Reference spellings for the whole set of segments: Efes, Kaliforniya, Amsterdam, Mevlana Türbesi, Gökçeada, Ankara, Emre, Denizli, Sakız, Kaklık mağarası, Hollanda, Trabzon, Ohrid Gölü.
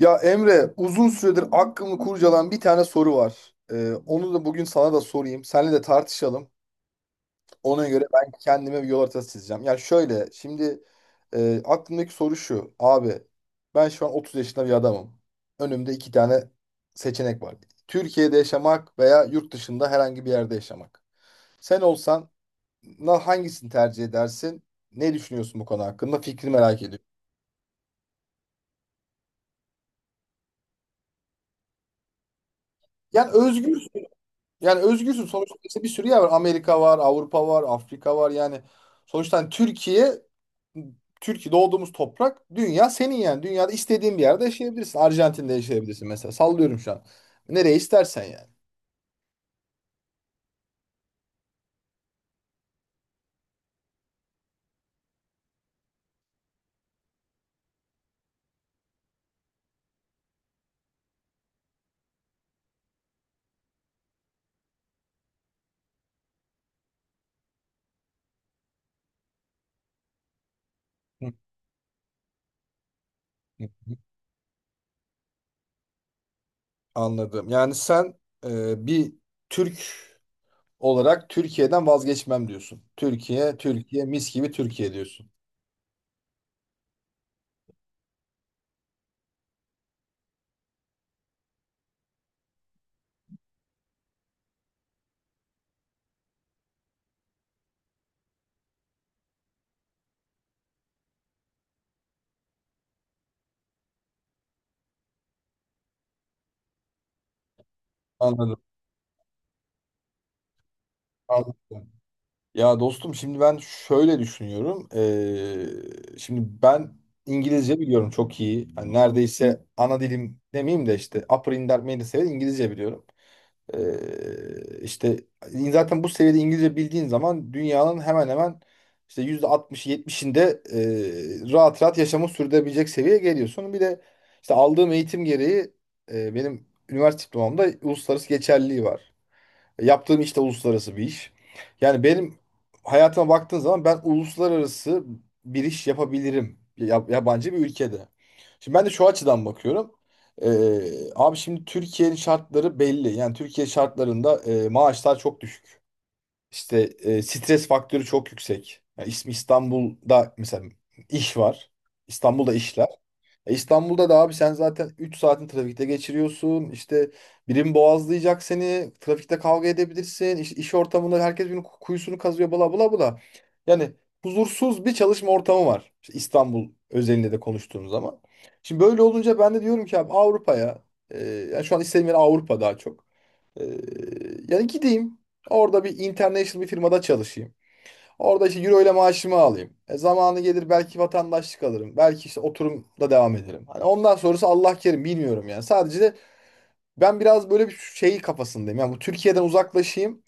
Ya Emre, uzun süredir aklımı kurcalayan bir tane soru var. Onu da bugün sana da sorayım. Seninle de tartışalım. Ona göre ben kendime bir yol haritası çizeceğim. Yani şöyle, şimdi aklımdaki soru şu. Abi, ben şu an 30 yaşında bir adamım. Önümde iki tane seçenek var. Türkiye'de yaşamak veya yurt dışında herhangi bir yerde yaşamak. Sen olsan hangisini tercih edersin? Ne düşünüyorsun bu konu hakkında? Fikri merak ediyorum. Yani özgür Yani özgürsün. Sonuçta işte bir sürü yer var. Amerika var, Avrupa var, Afrika var. Yani sonuçta hani Türkiye, Türkiye doğduğumuz toprak, dünya senin yani. Dünyada istediğin bir yerde yaşayabilirsin. Arjantin'de yaşayabilirsin mesela. Sallıyorum şu an. Nereye istersen yani. Hı hı. Anladım. Yani sen bir Türk olarak Türkiye'den vazgeçmem diyorsun. Türkiye, Türkiye, mis gibi Türkiye diyorsun. Anladım. Anladım. Ya dostum şimdi ben şöyle düşünüyorum. Şimdi ben İngilizce biliyorum çok iyi. Hani neredeyse ana dilim demeyeyim de işte upper intermediate seviye İngilizce biliyorum. İşte zaten bu seviyede İngilizce bildiğin zaman dünyanın hemen hemen işte %60'ı 70'inde rahat rahat yaşamı sürdürebilecek seviyeye geliyorsun. Bir de işte aldığım eğitim gereği benim üniversite diplomamda uluslararası geçerliliği var. Yaptığım iş de uluslararası bir iş. Yani benim hayatıma baktığın zaman ben uluslararası bir iş yapabilirim. Yabancı bir ülkede. Şimdi ben de şu açıdan bakıyorum. Abi şimdi Türkiye'nin şartları belli. Yani Türkiye şartlarında maaşlar çok düşük. İşte stres faktörü çok yüksek. Ya ismi İstanbul'da mesela iş var. İstanbul'da işler. E, İstanbul'da da abi sen zaten 3 saatin trafikte geçiriyorsun. İşte birim boğazlayacak seni. Trafikte kavga edebilirsin. İş ortamında herkes birbirinin kuyusunu kazıyor bla bla bla. Yani huzursuz bir çalışma ortamı var. İşte İstanbul özelinde de konuştuğum zaman. Şimdi böyle olunca ben de diyorum ki abi Avrupa'ya e, yani şu an istediğim yer Avrupa daha çok. Ee, yani gideyim. Orada bir international bir firmada çalışayım. Orada işte euro ile maaşımı alayım. Zamanı gelir belki vatandaşlık alırım. Belki işte oturumda devam ederim. Hani ondan sonrası Allah kerim bilmiyorum yani. Sadece de ben biraz böyle bir şey kafasındayım. Yani bu Türkiye'den uzaklaşayım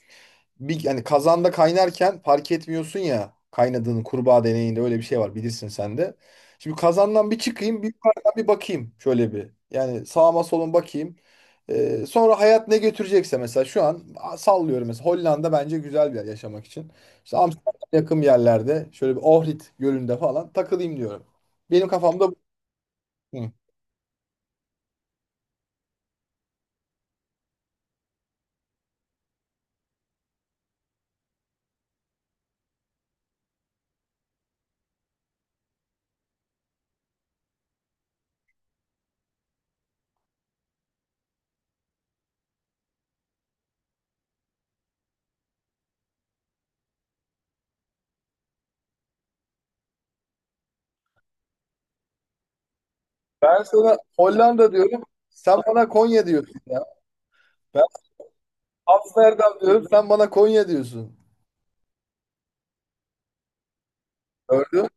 bir yani kazanda kaynarken fark etmiyorsun ya kaynadığını kurbağa deneyinde öyle bir şey var bilirsin sen de. Şimdi kazandan bir çıkayım bir yukarıdan bir bakayım şöyle bir. Yani sağıma soluma bakayım. Sonra hayat ne götürecekse mesela şu an sallıyorum mesela Hollanda bence güzel bir yer yaşamak için. İşte Amsterdam'a yakın yerlerde şöyle bir Ohrid Gölü'nde falan takılayım diyorum. Benim kafamda bu. Hı. Ben sana Hollanda diyorum sen bana Konya diyorsun ya. Ben Amsterdam diyorum sen bana Konya diyorsun. Gördün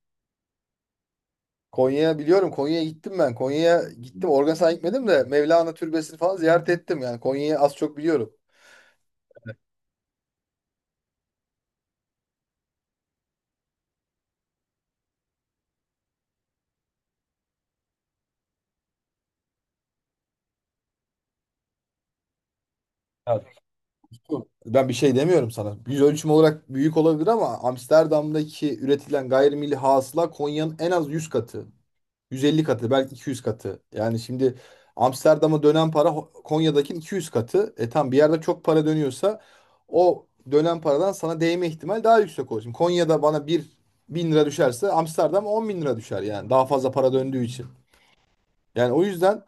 Konya'ya biliyorum. Konya'ya gittim ben. Konya'ya gittim. Organ San'a gitmedim de Mevlana Türbesi'ni falan ziyaret ettim. Yani Konya'yı az çok biliyorum. Ya, ben bir şey demiyorum sana. Yüz ölçümü olarak büyük olabilir ama Amsterdam'daki üretilen gayrimilli hasıla Konya'nın en az 100 katı. 150 katı belki 200 katı. Yani şimdi Amsterdam'a dönen para Konya'daki 200 katı. E tam bir yerde çok para dönüyorsa o dönen paradan sana değme ihtimal daha yüksek olur. Şimdi Konya'da bana bir 1.000 lira düşerse Amsterdam 10 bin lira düşer yani daha fazla para döndüğü için. Yani o yüzden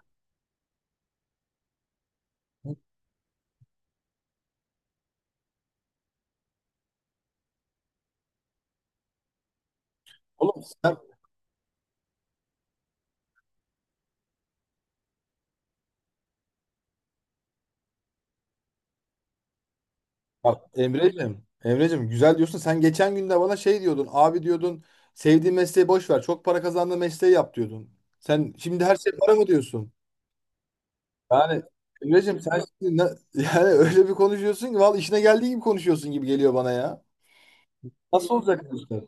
oğlum sen bak Emre'cim güzel diyorsun sen geçen gün de bana şey diyordun abi diyordun sevdiğin mesleği boş ver çok para kazandığın mesleği yap diyordun. Sen şimdi her şey para mı diyorsun? Yani Emre'cim sen şimdi yani öyle bir konuşuyorsun ki vallahi işine geldiği gibi konuşuyorsun gibi geliyor bana ya. Nasıl olacak bu işte?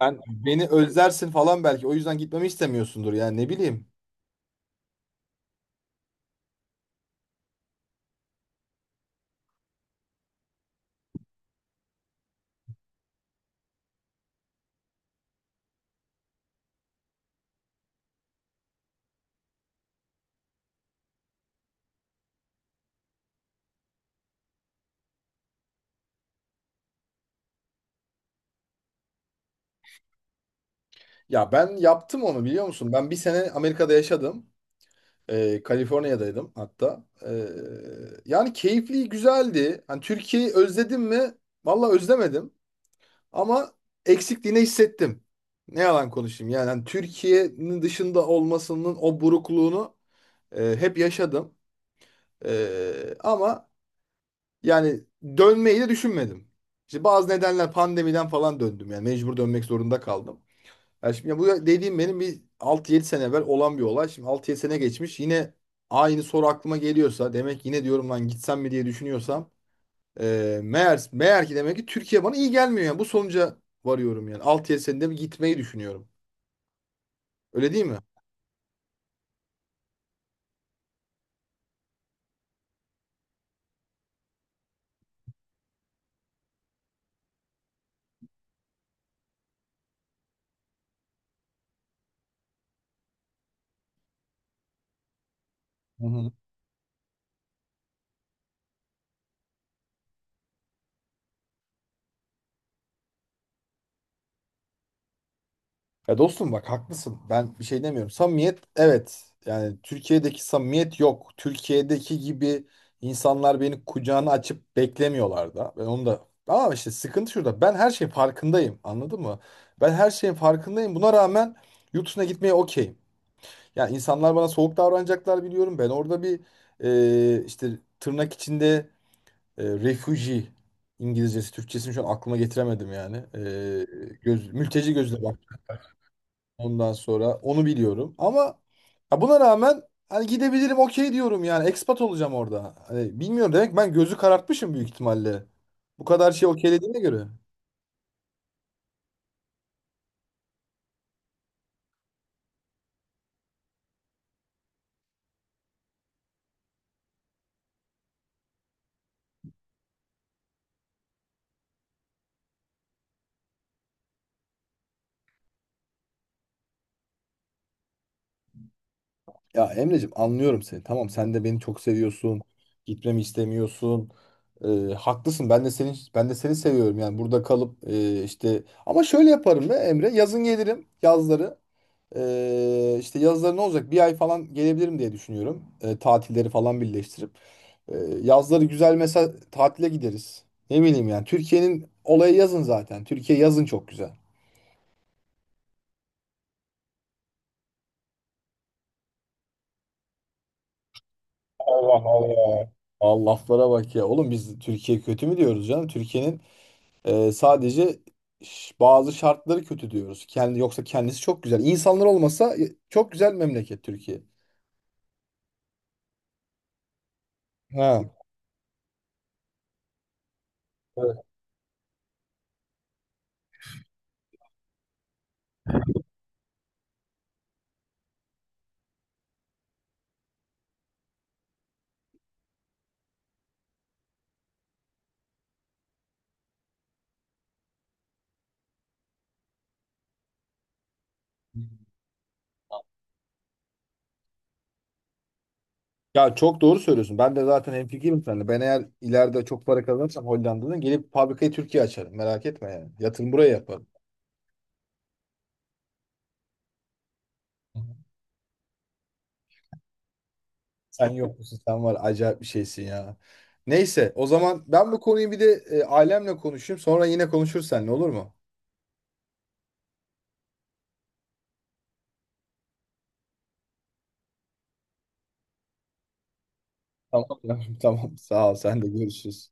Ben beni özlersin falan belki. O yüzden gitmemi istemiyorsundur yani ne bileyim. Ya ben yaptım onu biliyor musun? Ben bir sene Amerika'da yaşadım. Kaliforniya'daydım hatta. Yani keyifli, güzeldi. Hani Türkiye'yi özledim mi? Vallahi özlemedim. Ama eksikliğini hissettim. Ne yalan konuşayım. Yani hani Türkiye'nin dışında olmasının o burukluğunu hep yaşadım. Ama yani dönmeyi de düşünmedim. İşte bazı nedenler pandemiden falan döndüm. Yani mecbur dönmek zorunda kaldım. Yani şimdi bu dediğim benim bir 6 7 sene evvel olan bir olay. Şimdi 6 7 sene geçmiş. Yine aynı soru aklıma geliyorsa demek yine diyorum lan gitsem mi diye düşünüyorsam meğer ki demek ki Türkiye bana iyi gelmiyor. Yani bu sonuca varıyorum yani. 6 7 senede bir gitmeyi düşünüyorum. Öyle değil mi? Ya dostum bak haklısın. Ben bir şey demiyorum. Samimiyet evet. Yani Türkiye'deki samimiyet yok. Türkiye'deki gibi insanlar beni kucağına açıp beklemiyorlar da. Ben onu da ama işte sıkıntı şurada. Ben her şeyin farkındayım. Anladın mı? Ben her şeyin farkındayım. Buna rağmen yurt dışına gitmeye okeyim. Yani insanlar bana soğuk davranacaklar biliyorum. Ben orada bir işte tırnak içinde refugee İngilizcesi, Türkçesini şu an aklıma getiremedim yani. Mülteci gözüyle ondan sonra onu biliyorum. Ama ya buna rağmen hani gidebilirim okey diyorum yani. Ekspat olacağım orada. Hani bilmiyorum demek ben gözü karartmışım büyük ihtimalle. Bu kadar şey okeylediğine göre. Ya Emreciğim anlıyorum seni. Tamam sen de beni çok seviyorsun. Gitmemi istemiyorsun. Ee, haklısın. Ben de seni seviyorum. Yani burada kalıp işte ama şöyle yaparım be Emre. Yazın gelirim yazları. İşte yazları ne olacak? Bir ay falan gelebilirim diye düşünüyorum. Tatilleri falan birleştirip. Ee, yazları güzel mesela tatile gideriz. Ne bileyim yani. Türkiye'nin olayı yazın zaten. Türkiye yazın çok güzel. Allah Allah. Allah laflara bak ya. Oğlum biz Türkiye kötü mü diyoruz canım? Türkiye'nin sadece bazı şartları kötü diyoruz. Kendi yoksa kendisi çok güzel. İnsanlar olmasa çok güzel memleket Türkiye. Ha. Evet. Ya çok doğru söylüyorsun. Ben de zaten hemfikirim seninle. Ben eğer ileride çok para kazanırsam Hollanda'dan gelip fabrikayı Türkiye açarım. Merak etme yani. Yatırım buraya yaparım. Sen yok musun? Sen var. Acayip bir şeysin ya. Neyse o zaman ben bu konuyu bir de ailemle konuşayım. Sonra yine konuşuruz seninle olur mu? Tamam. Tamam sağ ol sen de görüşürüz.